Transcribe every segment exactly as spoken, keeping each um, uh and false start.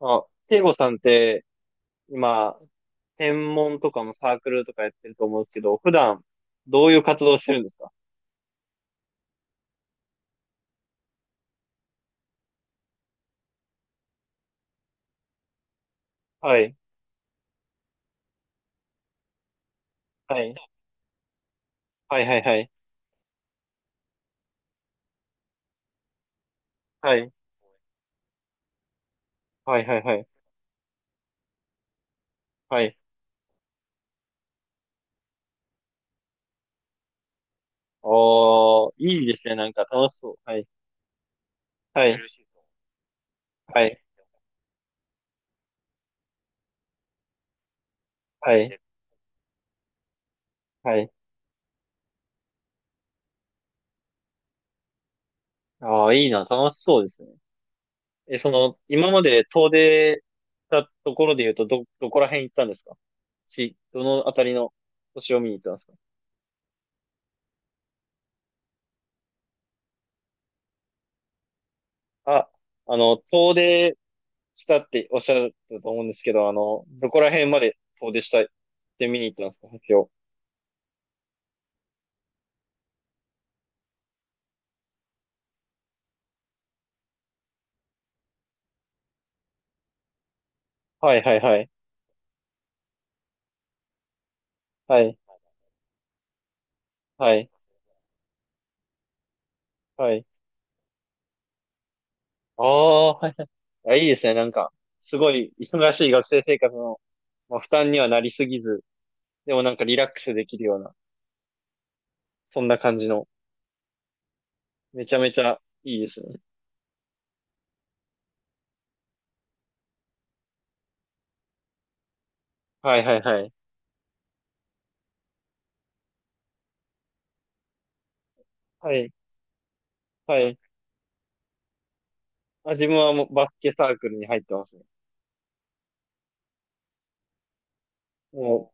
あ、慶吾さんって今、専門とかもサークルとかやってると思うんですけど、普段どういう活動してるんですか？はい。はい。はいはいはい。はい。はいはいはい。はい。おー、いいですね。なんか楽しそう。はい。はい。はい。はい。はい。ああ、いいな。楽しそうですね。え、その、今まで遠出したところで言うと、ど、どこら辺行ったんですか？し、どのあたりの星を見に行ったんですか？あ、あの、遠出したっておっしゃったと思うんですけど、あの、どこら辺まで遠出したいって見に行ったんですか、発表。はいはいはい。はい、はい、はい。ああ、はいはい。あ、いいですね。なんか、すごい忙しい学生生活の、まあ、負担にはなりすぎず、でもなんかリラックスできるような、そんな感じの、めちゃめちゃいいですね。はいはいはい。はい、はい。あ、自分はもうバスケサークルに入ってますね。もう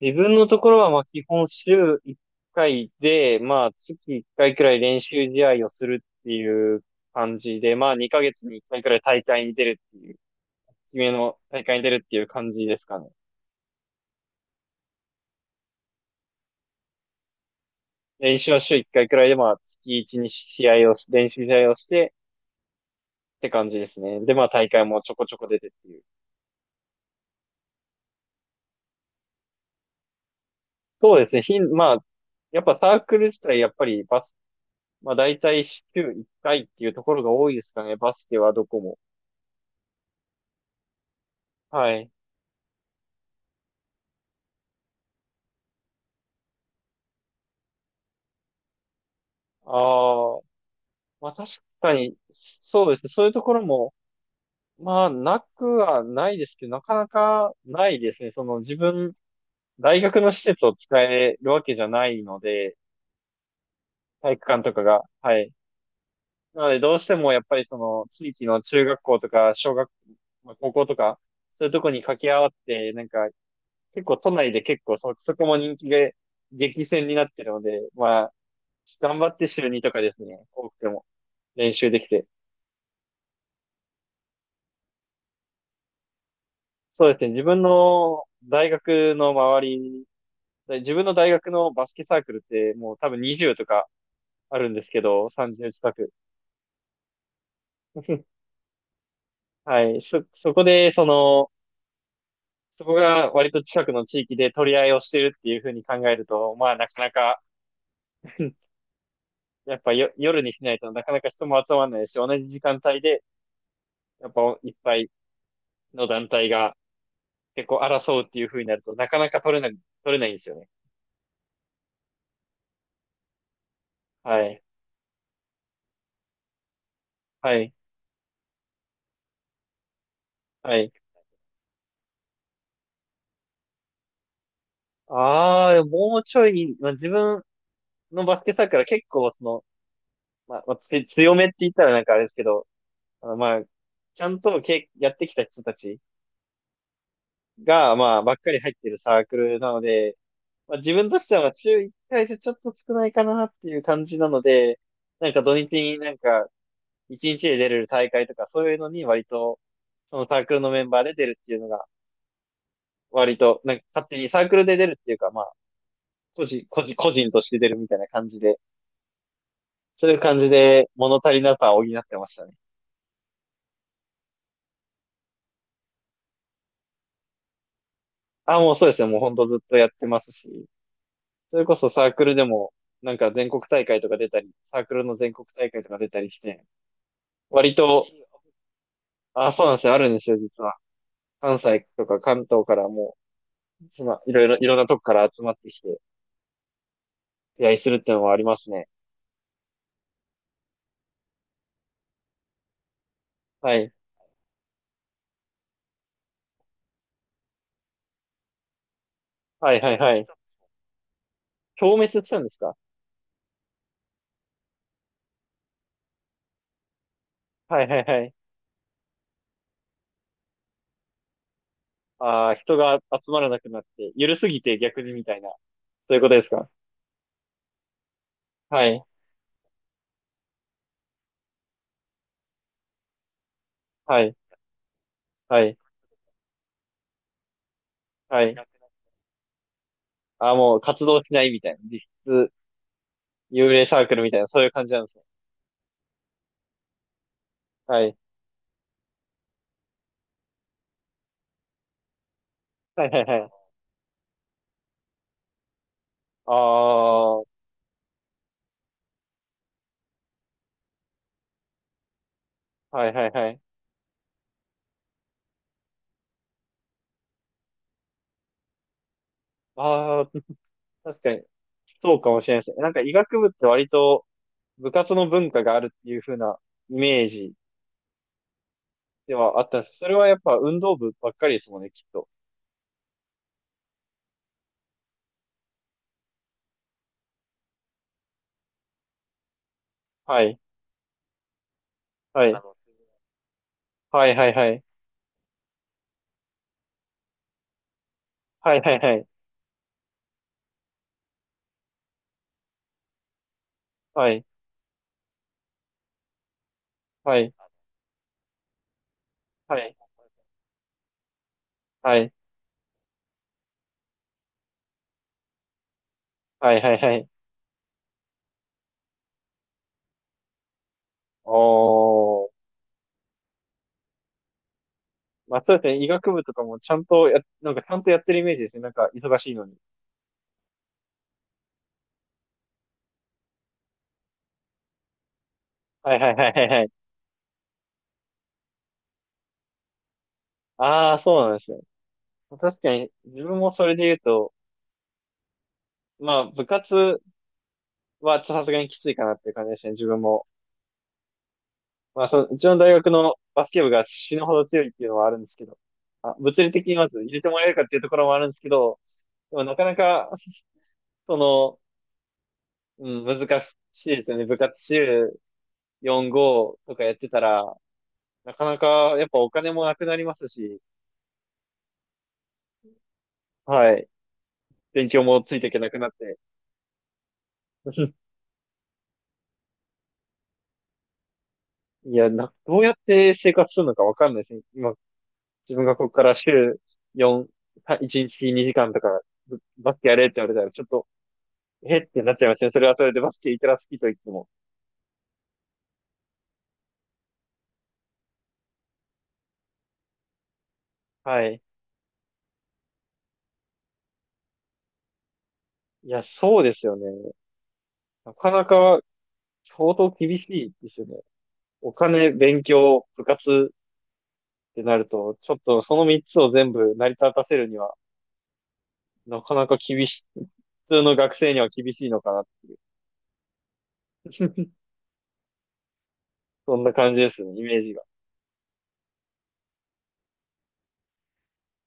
自分のところは、まあ、基本週いっかいで、まあ、月いっかいくらい練習試合をするっていう感じで、まあ、にかげつにいっかいくらい大会に出るっていう、決めの大会に出るっていう感じですかね。練習は週いっかいくらいで、まあ、月いち、に試合をし、練習試合をしてって感じですね。で、まあ、大会もちょこちょこ出てっていう。そうですね。ひん、まあ、やっぱサークル自体、やっぱりバス、まあ、大体週いっかいっていうところが多いですかね。バスケはどこも。はい。ああ、まあ確かに、そうですね。そういうところも、まあなくはないですけど、なかなかないですね。その自分、大学の施設を使えるわけじゃないので、体育館とかが。はい。なのでどうしてもやっぱりその地域の中学校とか小学、まあ高校とか、そういうとこに掛け合わって、なんか結構都内で結構そ、そこも人気で激戦になってるので、まあ頑張って週にとかですね、多くても練習できて。そうですね。自分の大学の周り、で自分の大学のバスケサークルってもう多分にじゅうとかあるんですけど、さんじゅう近く。はい。そ、そこで、その、そこが割と近くの地域で取り合いをしてるっていうふうに考えると、まあなかなか、やっぱよ、夜にしないとなかなか人も集まらないし、同じ時間帯で、やっぱいっぱいの団体が結構争うっていうふうになると、なかなか取れない、取れないんですよね。はい。はい。はい。ああ、もうちょい、まあ、自分、のバスケサークルは結構、その、まあ、まあつ強めって言ったらなんかあれですけど、あのまあ、ちゃんとけやってきた人たちが、まあ、ばっかり入ってるサークルなので、まあ、自分としては週いっかいじゃちょっと少ないかなっていう感じなので、なんか土日になんかいちにちで出れる大会とかそういうのに割と、そのサークルのメンバーで出るっていうのが、割と、なんか勝手にサークルで出るっていうか、まあ、個人、個人、個人として出るみたいな感じで、そういう感じで物足りなさを補ってましたね。あ、もうそうですね。もうほんとずっとやってますし、それこそサークルでも、なんか全国大会とか出たり、サークルの全国大会とか出たりして、割と、あ、そうなんですよ。あるんですよ、実は。関西とか関東からもう、その、いろいろ、いろんなとこから集まってきて、出会いするっていうのはありますね。はい。はいはいはい。消滅しちゃうんですか？はいはいはい。ああ、人が集まらなくなって、緩すぎて逆にみたいな、そういうことですか？はい。はい。はい。はい。ああ、もう活動しないみたいな。実質幽霊サークルみたいな、そういう感じなんですね。はい。はいはいはい。ああ、はいはいはい。ああ、確かに、そうかもしれないですね。なんか医学部って割と部活の文化があるっていう風なイメージではあったんです。それはやっぱ運動部ばっかりですもんね、きっと。はい。はい。はいはいはい。はいはいはい。はい。はい。はい。はい。はいはいはい。おー。まあ、そうですね。医学部とかもちゃんとや、なんかちゃんとやってるイメージですね。なんか忙しいのに。はいはいはいはいはい。ああ、そうなんですね。確かに、自分もそれで言うと、まあ、部活はちょっとさすがにきついかなっていう感じでしたね、自分も。まあ、その、うちの大学のバスケ部が死ぬほど強いっていうのはあるんですけど、あ、物理的にまず入れてもらえるかっていうところもあるんですけど、でもなかなか、その、うん、難しいですよね。部活週よん、ごとかやってたら、なかなか、やっぱお金もなくなりますし、はい。勉強もついていけなくなって。いや、な、どうやって生活するのかわかんないですね。今自分がここから週よん、いちにちにじかんとか、バスケやれって言われたら、ちょっと、えってなっちゃいますね。それはそれでバスケいくら好きと言っても。はい。いや、そうですよね。なかなか相当厳しいですよね。お金、勉強、部活ってなると、ちょっとそのみっつを全部成り立たせるには、なかなか厳しい、普通の学生には厳しいのかな。そんな感じですね、イメージが。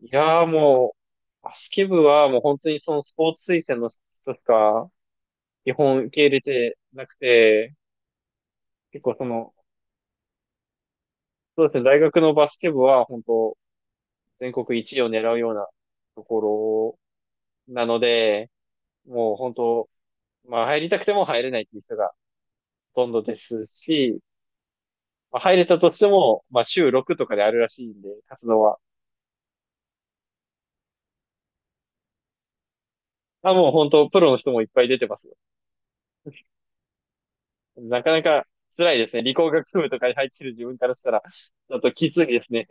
いやーもう、バスケ部はもう本当にそのスポーツ推薦の人しか基本受け入れてなくて、結構その、そうですね、大学のバスケ部は本当ぜんこくいちいを狙うようなところなので、もう本当、まあ入りたくても入れないっていう人がほとんどですし、まあ、入れたとしても、まあ週ろくとかであるらしいんで、活動は。まあ、もう本当プロの人もいっぱい出てますよ。なかなか辛いですね。理工学部とかに入ってる自分からしたら、ちょっときついですね。